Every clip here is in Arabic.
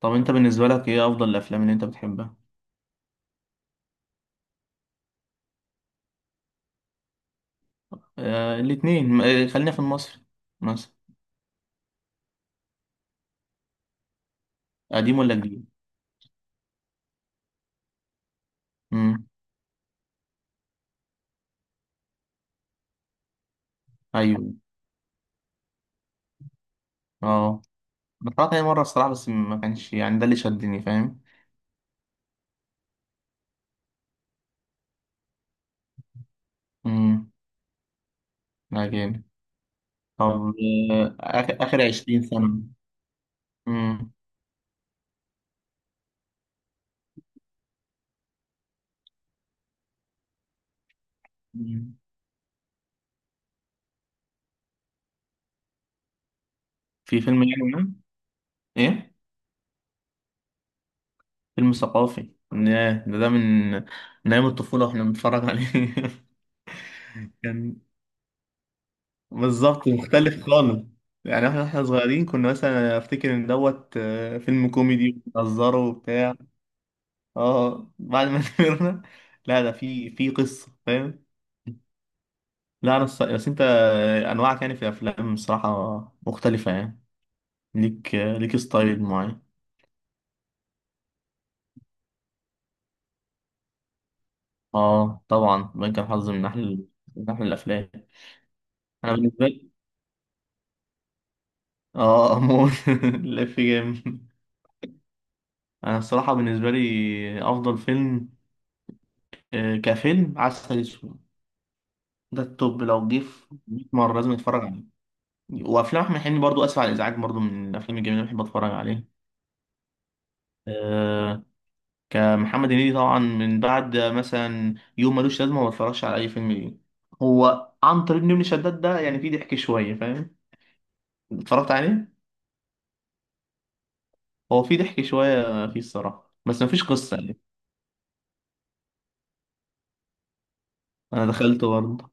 طب انت بالنسبة لك ايه افضل الافلام اللي انت بتحبها. الاتنين خلينا في المصري مثلا. قديم ولا جديد؟ امم. ايوه، اه، أنا اتفرجت عليه مرة الصراحة، بس ما كانش يعني ده اللي شدني، فاهم. امم. لا جامد. طب آخر، اخر 20 سنة. امم. أمم. في فيلم يعني ما، ايه، فيلم ثقافي ياه، ده من من ايام الطفولة واحنا بنتفرج عليه. كان بالظبط مختلف خالص. يعني احنا صغيرين كنا مثلا افتكر ان دوت فيلم كوميدي وبنهزره وبتاع. اه بعد ما كبرنا. لا ده في قصة، فاهم. لا انا بس انت انواعك يعني في الافلام الصراحة مختلفة يعني. ليك ليك ستايل معين. اه طبعا بنك الحظ من احلى، من احلى الافلام. انا بالنسبة لي اه امور لا في جامد. انا الصراحة بالنسبة لي افضل فيلم، كفيلم عسل اسود. ده التوب، لو جه في 100 مرة لازم اتفرج عليه. وافلام احمد حلمي برضو، اسف على الازعاج برضو، من الافلام الجميلة اللي بحب اتفرج عليه. أه. كمحمد هنيدي طبعا، من بعد مثلا يوم ملوش لازمة ما بتفرجش على اي فيلم ليه. هو عنتر ابن شداد ده يعني فيه ضحك شوية، فاهم. اتفرجت عليه. هو فيه ضحك شوية فيه الصراحة، بس مفيش قصة يعني. انا دخلته برضه.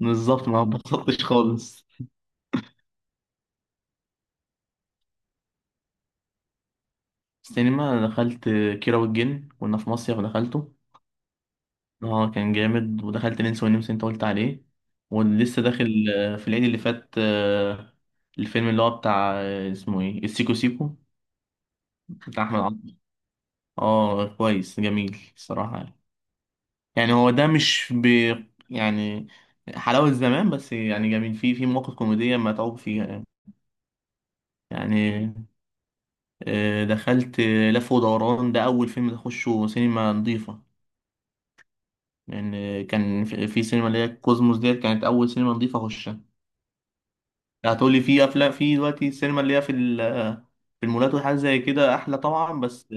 بالظبط، ما اتبسطتش خالص. السينما أنا دخلت كيرة والجن، كنا في مصيف دخلته. اه كان جامد. ودخلت ننسى ونمسى انت قلت عليه. ولسه داخل في العيد اللي فات، الفيلم اللي هو بتاع اسمه ايه، السيكو سيكو، بتاع احمد عبد. اه كويس جميل الصراحة يعني. يعني هو ده مش ب، يعني حلاوة زمان بس يعني جميل، فيه في مواقف كوميدية متعوب فيها يعني. يعني دخلت لف ودوران، ده أول فيلم أخشه سينما نظيفة. لأن يعني كان في سينما اللي هي كوزموس ديت كانت أول سينما نظيفة أخشها. هتقولي في افلام في دلوقتي السينما اللي هي في المولات وحاجات زي كده، احلى طبعا. بس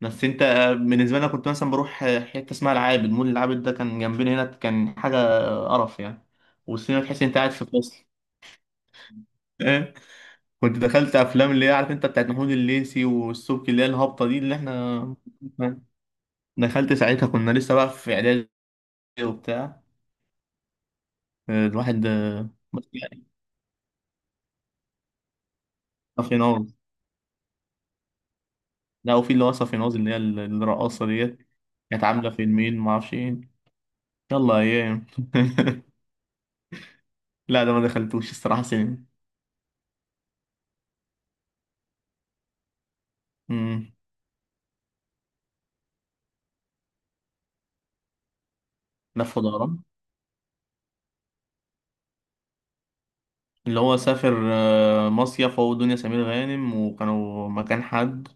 انت، بالنسبه لي أنا كنت مثلا بروح حته اسمها العابد مول. العابد ده كان جنبنا هنا، كان حاجه قرف يعني. والسينما تحس إن انت قاعد في فصل. إيه؟ كنت دخلت افلام اللي هي عارف انت، بتاعت محمود الليثي والسبكي اللي هي الهابطه دي اللي احنا دخلت ساعتها، كنا لسه بقى في اعدادي وبتاع. الواحد بس يعني ما في نار. لا وفي اللي هو صافي اللي هي الرقاصة ديت، كانت عاملة فيلمين معرفش ايه. يلا ايام. لا ده ما دخلتوش الصراحة سينما. امم. لف ودوران، اللي هو سافر مصيف، هو ودنيا سمير غانم، وكانوا مكان حد.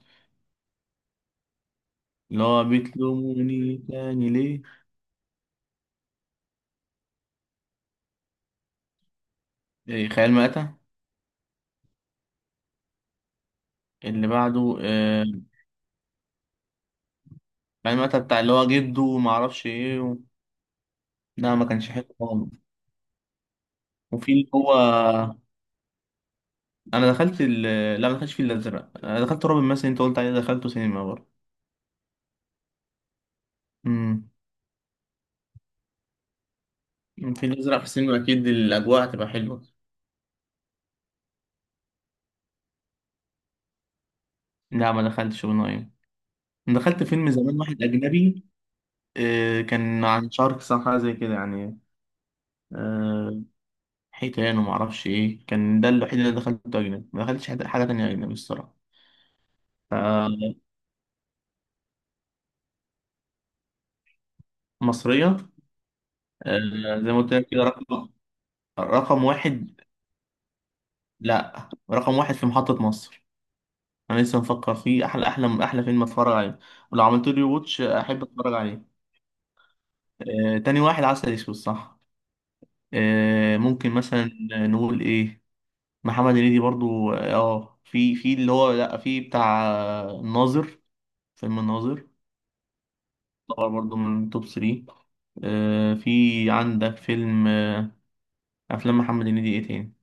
اللي هو بتلوموني تاني ليه. إيه، خيال مآتة. اللي بعده خيال مآتة بتاع اللي هو جده وما اعرفش ايه و... لا ما كانش حلو خالص. وفي اللي هو انا دخلت ال... لا ما دخلتش في الازرق، انا دخلت رعب مثلا انت قلت عليه، دخلته سينما برضه. امم. الفيل الأزرق في السينما، أكيد الأجواء هتبقى حلوة. لا ما دخلتش ونايم. انا دخلت فيلم زمان واحد أجنبي. آه كان عن شاركس أو حاجة زي كده يعني. آه حيتان وما أعرفش إيه. كان ده الوحيد اللي دخلته أجنبي، ما دخلتش حاجة تانية أجنبي الصراحة. فمصرية، آه زي ما قلت لك كده، رقم، رقم واحد. لا رقم واحد في محطة مصر. أنا لسه مفكر فيه، أحلى أحلى أحلى فيلم أتفرج عليه، ولو عملت لي واتش أحب أتفرج عليه. آه تاني واحد عسل أسود صح. ممكن مثلا نقول ايه، محمد هنيدي برضو. اه في اللي هو، لا في بتاع الناظر، فيلم الناظر طبعا، برضو من توب 3. في عندك فيلم افلام محمد هنيدي ايه تاني.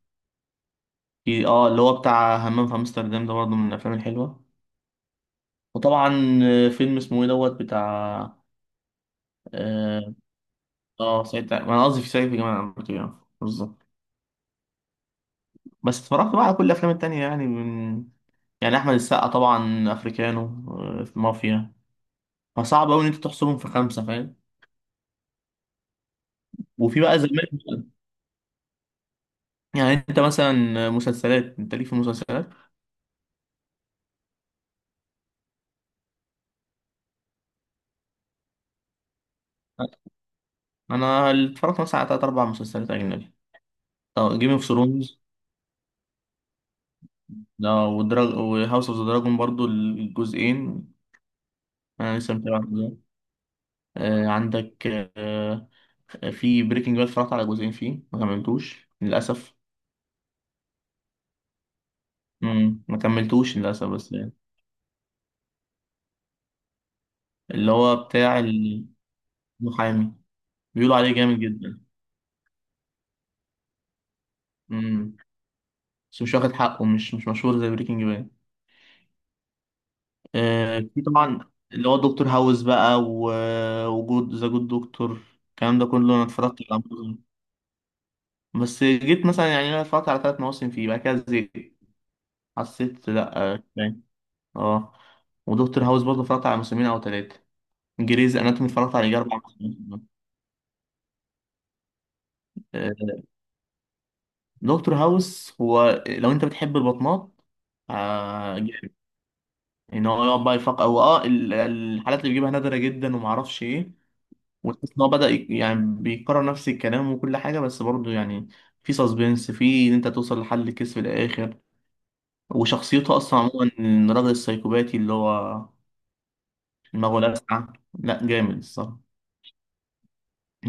في اه اللي هو بتاع همام في امستردام، ده برضو من الافلام الحلوه. وطبعا فيلم اسمه ايه دوت بتاع. اه سعيد انا قصدي في سعيد في جمال عبد العاطف يعني. بالظبط. بس اتفرجت بقى على كل الافلام التانية يعني، من، يعني احمد السقا طبعا افريكانو، في مافيا. فصعب قوي ان انت تحصرهم في خمسه، فاهم. وفي بقى زمان، يعني انت مثلا مسلسلات، انت ليك في المسلسلات؟ انا اللي اتفرجت مثلا على تلات اربع مسلسلات اجنبي. طب جيم اوف ثرونز ده، ودراج، وهاوس اوف ذا دراجون برضو الجزئين. انا لسه متابع الجزئين. آه عندك، آه في بريكنج باد، اتفرجت على جزئين فيه، ما كملتوش للاسف. ما كملتوش للاسف بس يعني. اللي هو بتاع المحامي، بيقولوا عليه جامد جدا. امم. بس مش واخد حقه، مش مشهور زي بريكنج باد. آه في طبعا اللي هو دكتور هاوس بقى وجود ذا جود دكتور. الكلام ده كله انا اتفرجت على معظمه. بس جيت مثلا يعني انا اتفرجت على ثلاث مواسم فيه، بعد كده زهقت. حسيت لا كفاية. اه. ودكتور هاوس برضه اتفرجت على موسمين او ثلاثه. جريز اناتومي اتفرجت على يجي اربع مواسم. آه، دكتور هاوس، هو لو انت بتحب البطنات آه جامد. ان هو يقعد بقى يفكر هو، اه الحالات اللي بيجيبها نادره جدا ومعرفش ايه، وتحس ان هو بدأ يعني بيكرر نفس الكلام وكل حاجة، بس برضه يعني في سسبنس في ان انت توصل لحل الكيس في الاخر. وشخصيته اصلا عموما، إن الراجل السايكوباتي اللي هو دماغه لاسعة. لا جامد الصراحة.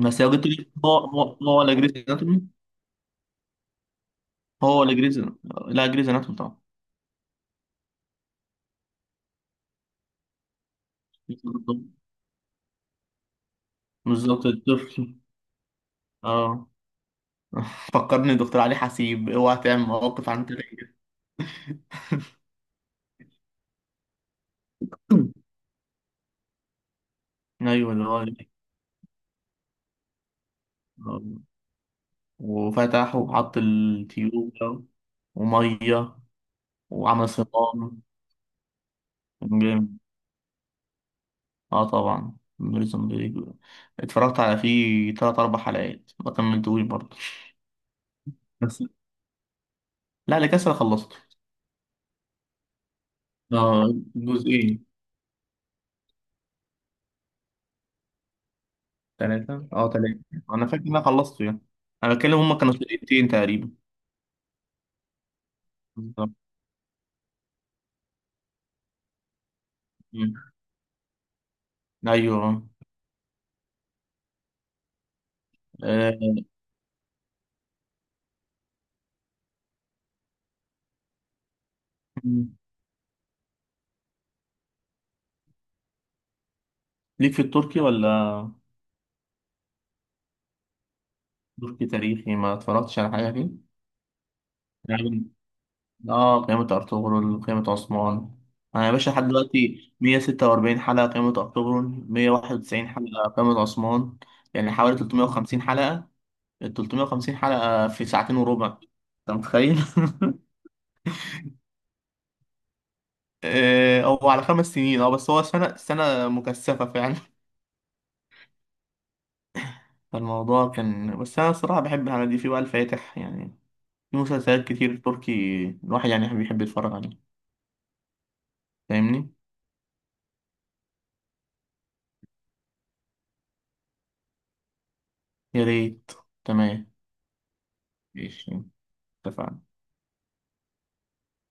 بس لو جبت لي هو هو ولا جريز اناتومي، هو ولا جريز، لا جريز اناتومي طبعا. بالظبط الطفل. اه. فكرني دكتور علي حسيب، اوعى تعمل مواقف عن كده. ايوه اللي هو. آه. وفتح وحط التيوب ده، ومية، وعمل صمام. كان جامد. اه طبعا بريزون بريك اتفرجت على فيه تلات أربع حلقات، ما كملتوش برضه. بس، لا اللي كسر خلصته. اه جزئين. تلاتة اه تلاتة. أنا فاكر إن أنا خلصته يعني. أنا بتكلم هما كانوا سنتين تقريبا. بالظبط. مم. أيوه. آه. مم. ليك في التركي ولا؟ تركي تاريخي ما اتفرجتش على حاجة فيه؟ اه قيامة ارطغرل، قيامة عثمان. انا يا باشا لحد دلوقتي 146 حلقة قيامة ارطغرل، 191 حلقة قيامة عثمان. يعني حوالي 350 حلقة. ال 350 حلقة في ساعتين وربع، انت متخيل؟ هو على خمس سنين، اه بس هو سنة مكثفة فعلا. فالموضوع كان، بس أنا الصراحة بحب الحاجات دي، في بقى الفاتح يعني، في مسلسلات كتير تركي الواحد يعني بيحب يتفرج عليها، فاهمني؟ يا ريت. تمام. ماشي اتفقنا.